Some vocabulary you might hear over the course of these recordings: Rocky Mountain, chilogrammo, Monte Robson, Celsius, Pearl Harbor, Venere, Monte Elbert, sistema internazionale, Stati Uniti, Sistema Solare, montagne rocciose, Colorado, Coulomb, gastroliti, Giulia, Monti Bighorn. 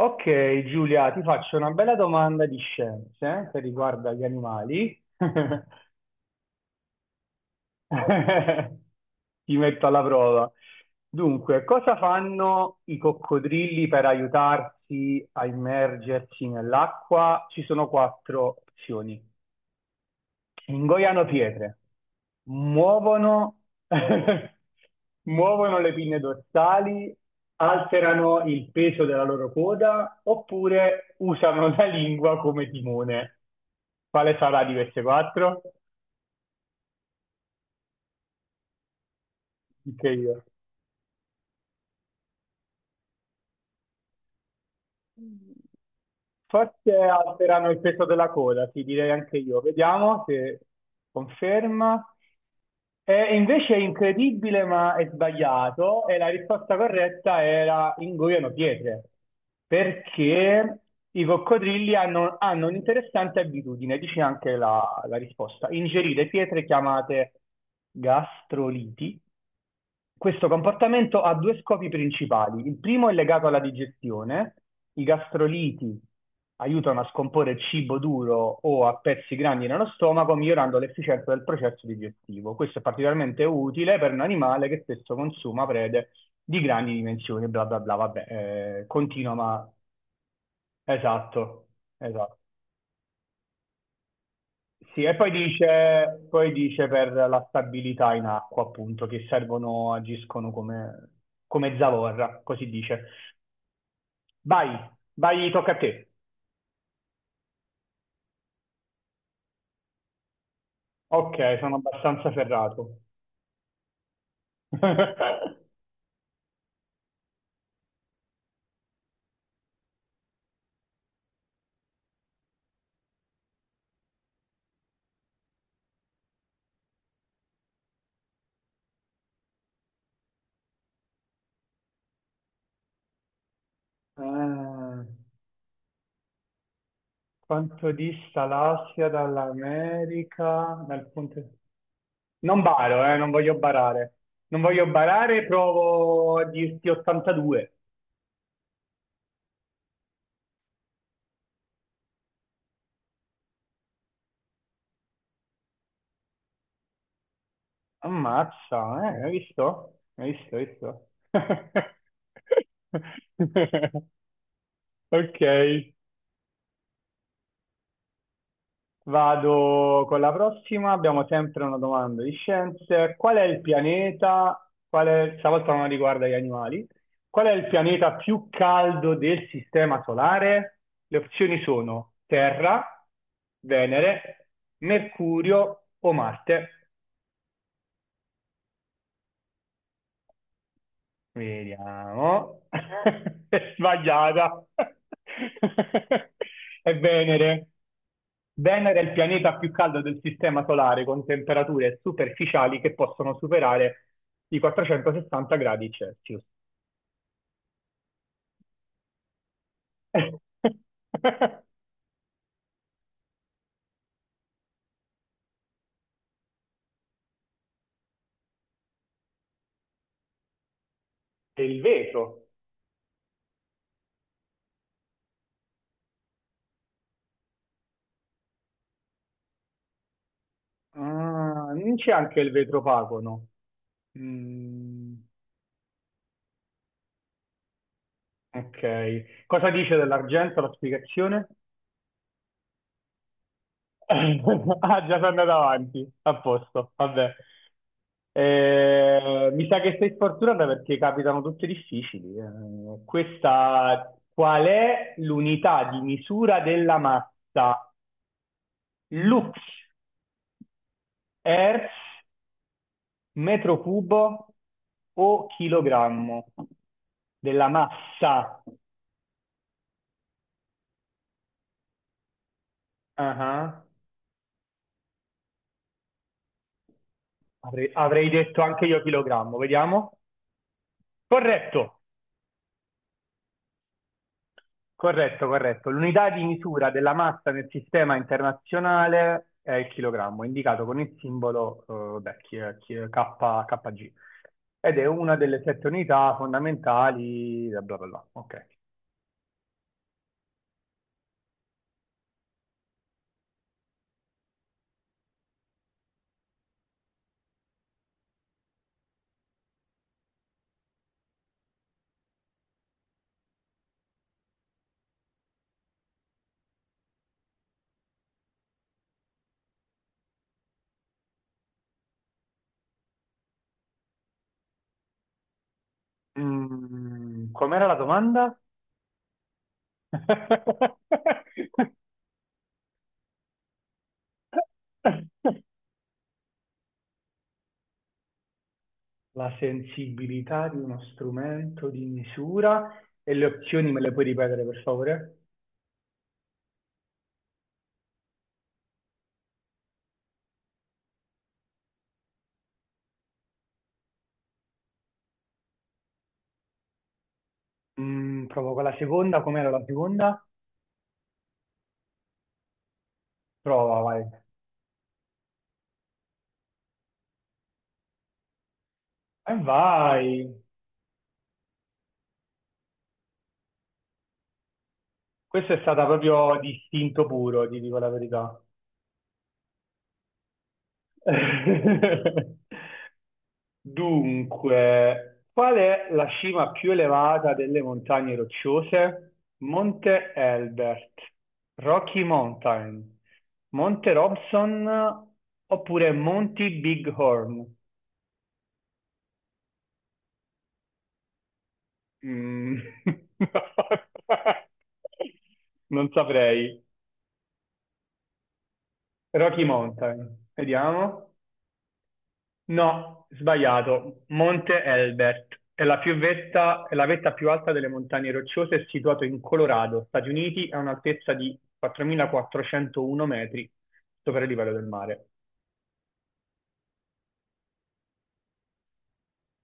Ok, Giulia, ti faccio una bella domanda di scienze che riguarda gli animali. Ti metto alla prova. Dunque, cosa fanno i coccodrilli per aiutarsi a immergersi nell'acqua? Ci sono quattro opzioni. Ingoiano pietre, muovono, muovono le pinne dorsali, alterano il peso della loro coda oppure usano la lingua come timone. Quale sarà di queste quattro? Dica io. Forse alterano il peso della coda, ti direi anche io. Vediamo se conferma. E invece è incredibile, ma è sbagliato. E la risposta corretta era ingoiano pietre, perché i coccodrilli hanno un'interessante abitudine, dice anche la risposta, ingerire pietre chiamate gastroliti. Questo comportamento ha due scopi principali. Il primo è legato alla digestione. I gastroliti aiutano a scomporre il cibo duro o a pezzi grandi nello stomaco, migliorando l'efficienza del processo digestivo. Questo è particolarmente utile per un animale che spesso consuma prede di grandi dimensioni, bla bla bla, vabbè, continua, ma esatto, esatto. Sì, e poi dice per la stabilità in acqua, appunto, che servono, agiscono come, come zavorra, così dice. Vai, vai, tocca a te. Ok, sono abbastanza ferrato. Eh, quanto dista l'Asia dall'America? Dal punto... Non baro, non voglio barare. Non voglio barare, provo a dirti 82. Ammazza, hai visto? Hai visto, hai visto? Ok, vado con la prossima. Abbiamo sempre una domanda di scienze. Qual è il pianeta? Qual è, stavolta non riguarda gli animali. Qual è il pianeta più caldo del sistema solare? Le opzioni sono Terra, Venere, Mercurio o Marte. Vediamo. È sbagliata. È Venere. Venere è il pianeta più caldo del Sistema Solare, con temperature superficiali che possono superare i 460 gradi Celsius. E il vetro. Ah, non c'è anche il vetrofagono. Mm, ok. Cosa dice dell'argento la spiegazione? Ah, già sono andato avanti. A posto, vabbè. Mi sa che sei sfortunata perché capitano tutte difficili. Questa, qual è l'unità di misura della massa? Lux, hertz, metro cubo o chilogrammo? Della massa. Ah, ah. Avrei detto anche io chilogrammo, vediamo. Corretto. Corretto, corretto. L'unità di misura della massa nel sistema internazionale è il chilogrammo, indicato con il simbolo beh, kg, ed è una delle sette unità fondamentali, bla bla bla. Ok. Mm, com'era la domanda? La sensibilità di uno strumento di misura, e le opzioni me le puoi ripetere per favore? Mm, provo con la seconda, com'era la seconda? Prova, vai. E vai, questo è stata proprio di istinto puro, ti dico la verità. Dunque, qual è la cima più elevata delle montagne rocciose? Monte Elbert, Rocky Mountain, Monte Robson oppure Monti Bighorn? Mm. Non saprei. Rocky Mountain, vediamo. No, sbagliato. Monte Elbert è la, è la vetta più alta delle montagne rocciose, è situato in Colorado, Stati Uniti, a un'altezza di 4.401 metri sopra il livello del mare.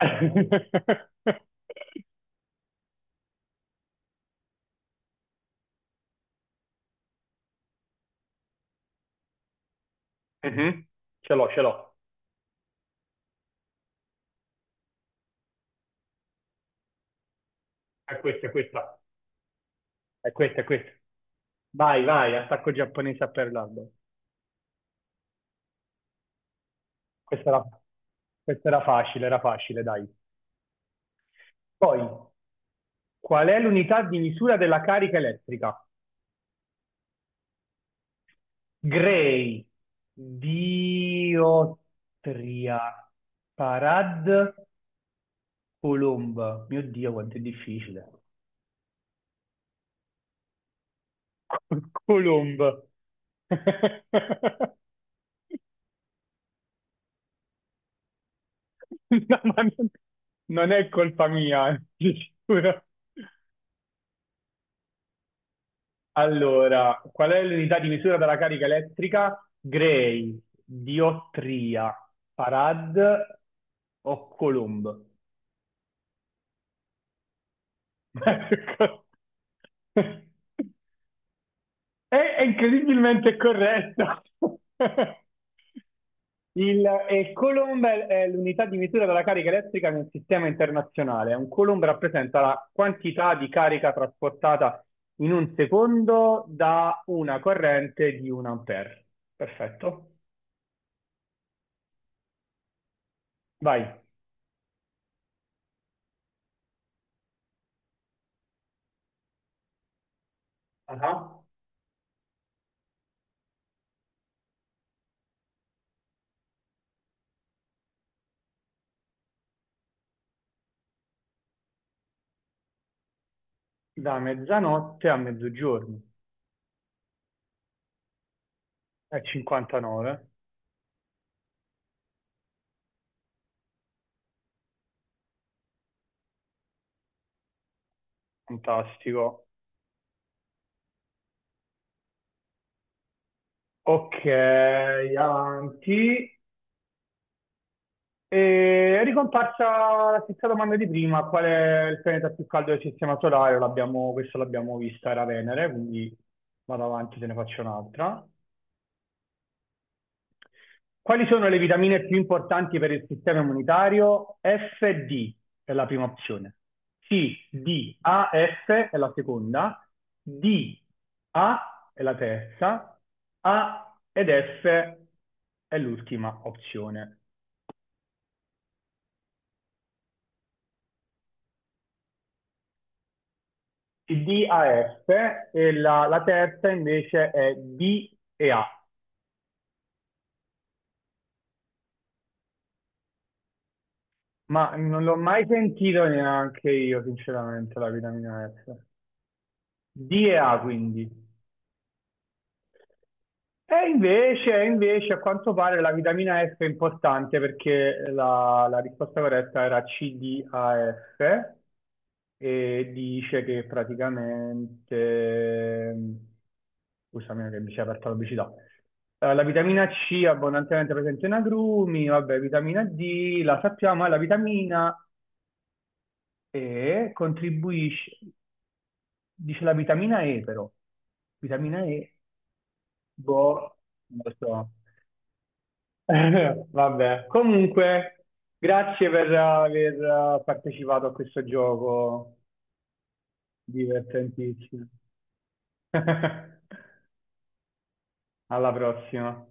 Mhm. Ce l'ho, ce l'ho. È questa, è questa. È questa, è questa. Vai, vai, attacco giapponese a Pearl Harbor. Questa era, questa era facile, dai. Poi, qual è l'unità di misura della carica elettrica? Grey, Diotria, Parad, Colomba. Mio Dio, quanto è difficile. Colomba. No, ma non è colpa mia, di sicuro. Allora, qual è l'unità di misura della carica elettrica? Gray, diottria, farad o coulomb? Ma che cazzo? È incredibilmente corretto. Il, e Coulomb è l'unità di misura della carica elettrica nel sistema internazionale. Un Coulomb rappresenta la quantità di carica trasportata in un secondo da una corrente di un ampere. Perfetto. Vai. Ah, da mezzanotte a mezzogiorno. È 59. Fantastico. Ok, avanti. E è ricomparsa la stessa domanda di prima, qual è il pianeta più caldo del sistema solare? L'abbiamo- questo l'abbiamo vista, era Venere, quindi vado avanti, te ne faccio un'altra. Quali sono le vitamine più importanti per il sistema immunitario? F, D è la prima opzione. C, D, A, F è la seconda. D, A è la terza. A ed F è l'ultima opzione. DAF e la terza invece è DEA, ma non l'ho mai sentito neanche io, sinceramente, la vitamina F. DEA quindi. E invece, a quanto pare la vitamina F è importante perché la risposta corretta era CDAF e dice che praticamente, scusami che mi si è aperta la pubblicità, eh, la vitamina C è abbondantemente presente in agrumi, vabbè, vitamina D, la sappiamo, e la vitamina E contribuisce, dice la vitamina E però, vitamina E, boh, non lo so. Vabbè, comunque, grazie per aver partecipato a questo gioco divertentissimo. Alla prossima.